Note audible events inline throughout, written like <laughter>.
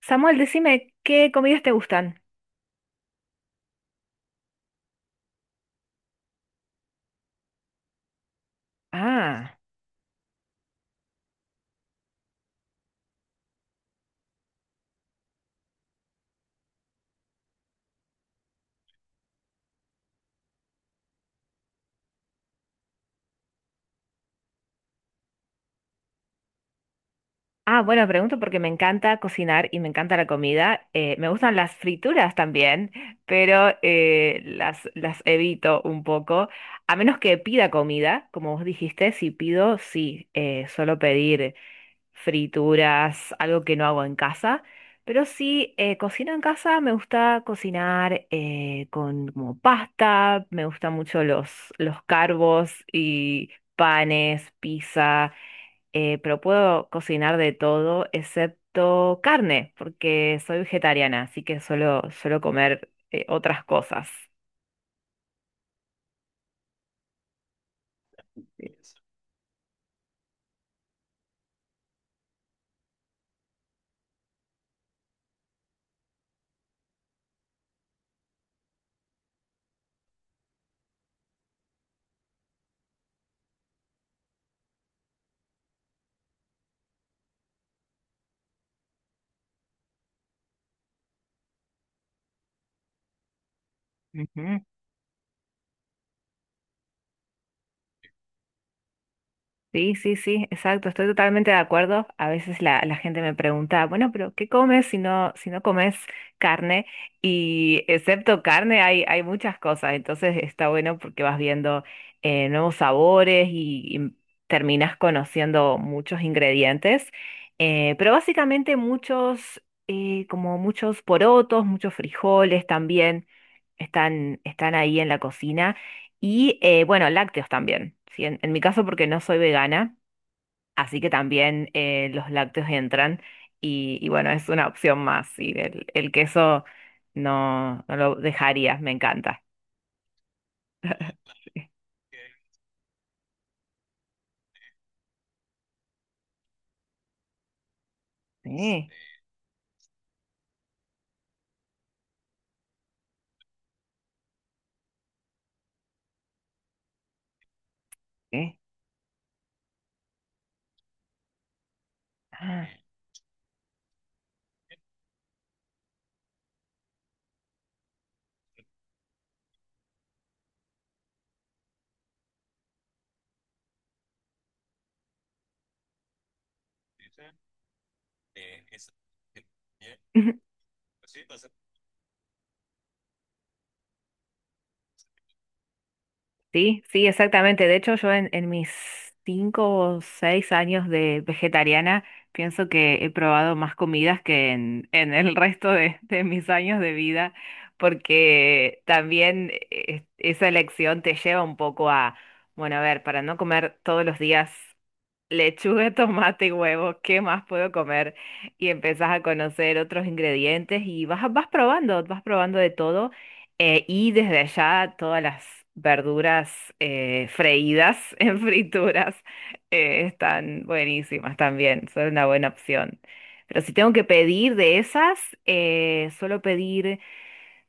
Samuel, decime, ¿qué comidas te gustan? Ah. Ah, bueno, pregunto porque me encanta cocinar y me encanta la comida. Me gustan las frituras también, pero las evito un poco. A menos que pida comida, como vos dijiste, si pido, sí, suelo pedir frituras, algo que no hago en casa. Pero sí, cocino en casa, me gusta cocinar con como pasta, me gustan mucho los carbos y panes, pizza, pero puedo cocinar de todo excepto carne, porque soy vegetariana, así que suelo comer otras cosas. Ujú. Sí, sí, sí, exacto, estoy totalmente de acuerdo. A veces la gente me pregunta, bueno, pero ¿qué comes si no, si no comes carne? Y excepto carne hay muchas cosas, entonces está bueno porque vas viendo nuevos sabores y terminas conociendo muchos ingredientes. Pero básicamente muchos, como muchos porotos, muchos frijoles también están ahí en la cocina. Y bueno, lácteos también, ¿sí? En mi caso porque no soy vegana, así que también los lácteos entran y bueno, es una opción más. Y el queso no, no lo dejaría, me encanta. <laughs> Sí, sí. Ah. <laughs> Sí, sí, exactamente. De hecho, yo en mis 5 o 6 años de vegetariana pienso que he probado más comidas que en el resto de mis años de vida, porque también esa elección te lleva un poco a, bueno, a ver, para no comer todos los días. Lechuga, <laughs> tomate y huevo, ¿qué más puedo comer? Y empezás a conocer otros ingredientes y vas probando de todo. Y desde allá todas las verduras freídas <laughs> en frituras están buenísimas también, son una buena opción. Pero si tengo que pedir de esas, suelo pedir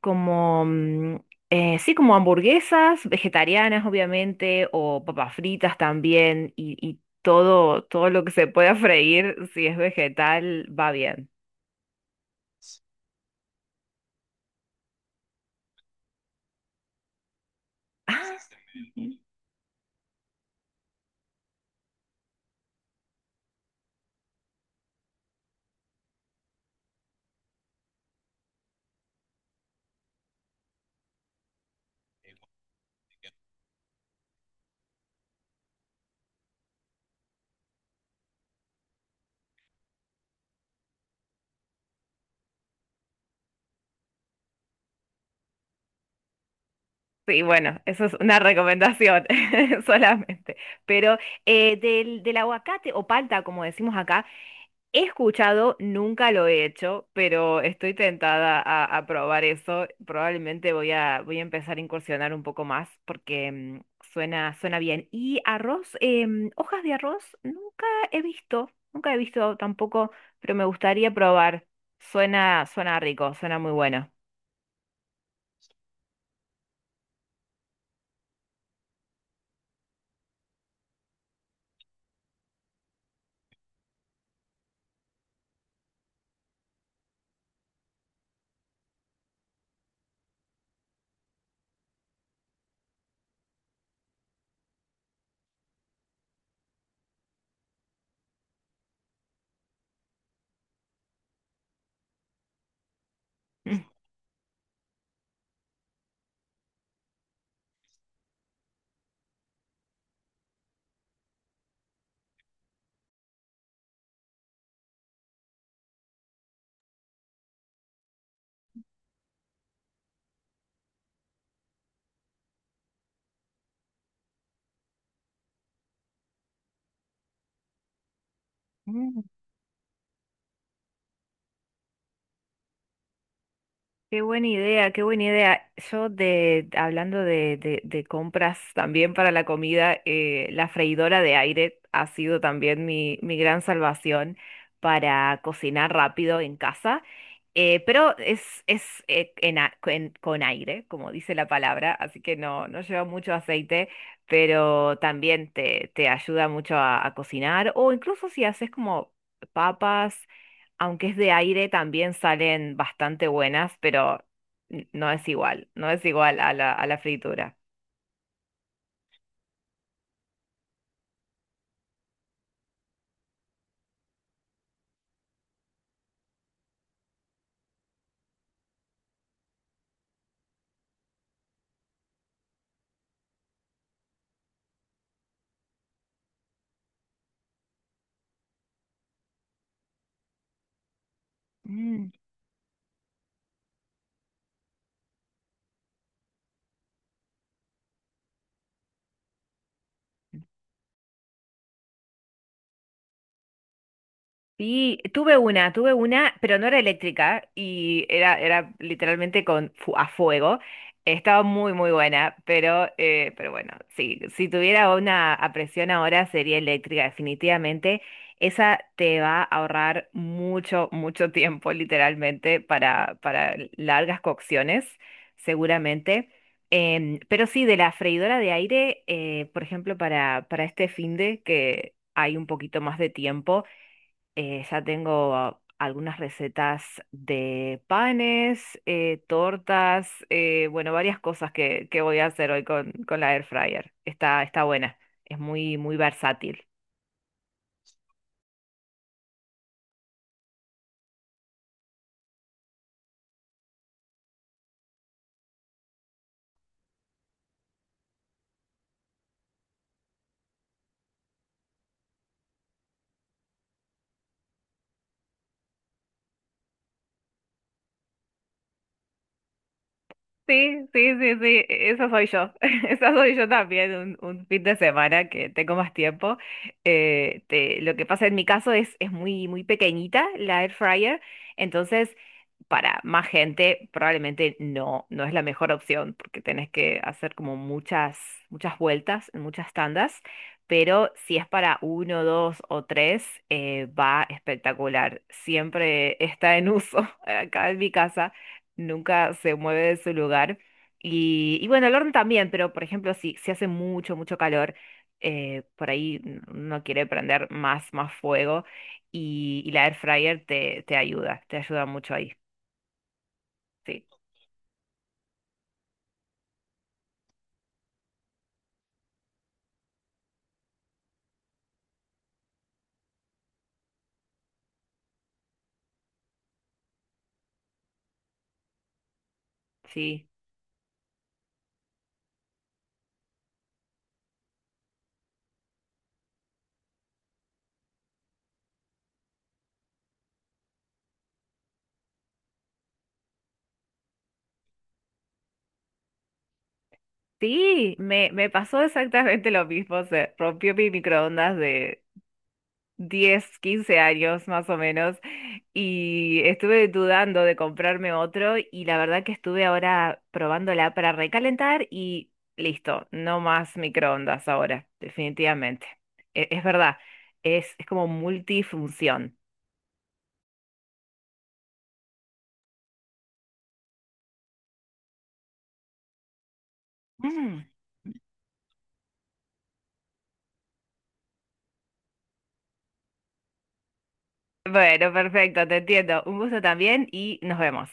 como, sí, como hamburguesas vegetarianas, obviamente, o papas fritas también, y todo, todo lo que se pueda freír, si es vegetal, va bien. Ah. Sí, bueno, eso es una recomendación <laughs> solamente. Pero del aguacate o palta, como decimos acá, he escuchado, nunca lo he hecho, pero estoy tentada a probar eso. Probablemente voy a empezar a incursionar un poco más porque suena, suena bien. Y arroz, hojas de arroz, nunca he visto, nunca he visto tampoco, pero me gustaría probar. Suena, suena rico, suena muy bueno. <laughs> Qué buena idea, qué buena idea. Hablando de compras también para la comida, la freidora de aire ha sido también mi gran salvación para cocinar rápido en casa. Pero es con aire, como dice la palabra, así que no, no lleva mucho aceite, pero también te ayuda mucho a cocinar o incluso si haces como papas, aunque es de aire, también salen bastante buenas, pero no es igual, no es igual a a la fritura. Mm. Sí, tuve una, pero no era eléctrica y era literalmente a fuego. Estaba muy, muy buena, pero bueno, sí, si tuviera una a presión ahora sería eléctrica, definitivamente. Esa te va a ahorrar mucho, mucho tiempo, literalmente, para largas cocciones, seguramente. Pero sí, de la freidora de aire, por ejemplo, para este finde que hay un poquito más de tiempo. Ya tengo algunas recetas de panes, tortas, bueno, varias cosas que voy a hacer hoy con la air fryer. Está buena, es muy, muy versátil. Sí, sí, sí, sí, eso soy yo. <laughs> Eso soy yo también, un fin de semana que tengo más tiempo. Lo que pasa en mi caso es muy, muy pequeñita la air fryer, entonces para más gente probablemente no, no es la mejor opción porque tenés que hacer como muchas, muchas vueltas, en muchas tandas, pero si es para uno, dos o tres, va espectacular. Siempre está en uso <laughs> acá en mi casa, nunca se mueve de su lugar. Y bueno, el horno también, pero por ejemplo, si hace mucho, mucho calor, por ahí uno quiere prender más, más fuego y la air fryer te ayuda mucho ahí. Sí, sí, sí, me pasó exactamente lo mismo. Se rompió mi microondas de 10, 15 años más o menos y estuve dudando de comprarme otro y la verdad que estuve ahora probándola para recalentar y listo, no más microondas ahora, definitivamente. Es, verdad, es como multifunción. Mm. Bueno, perfecto, te entiendo. Un gusto también y nos vemos.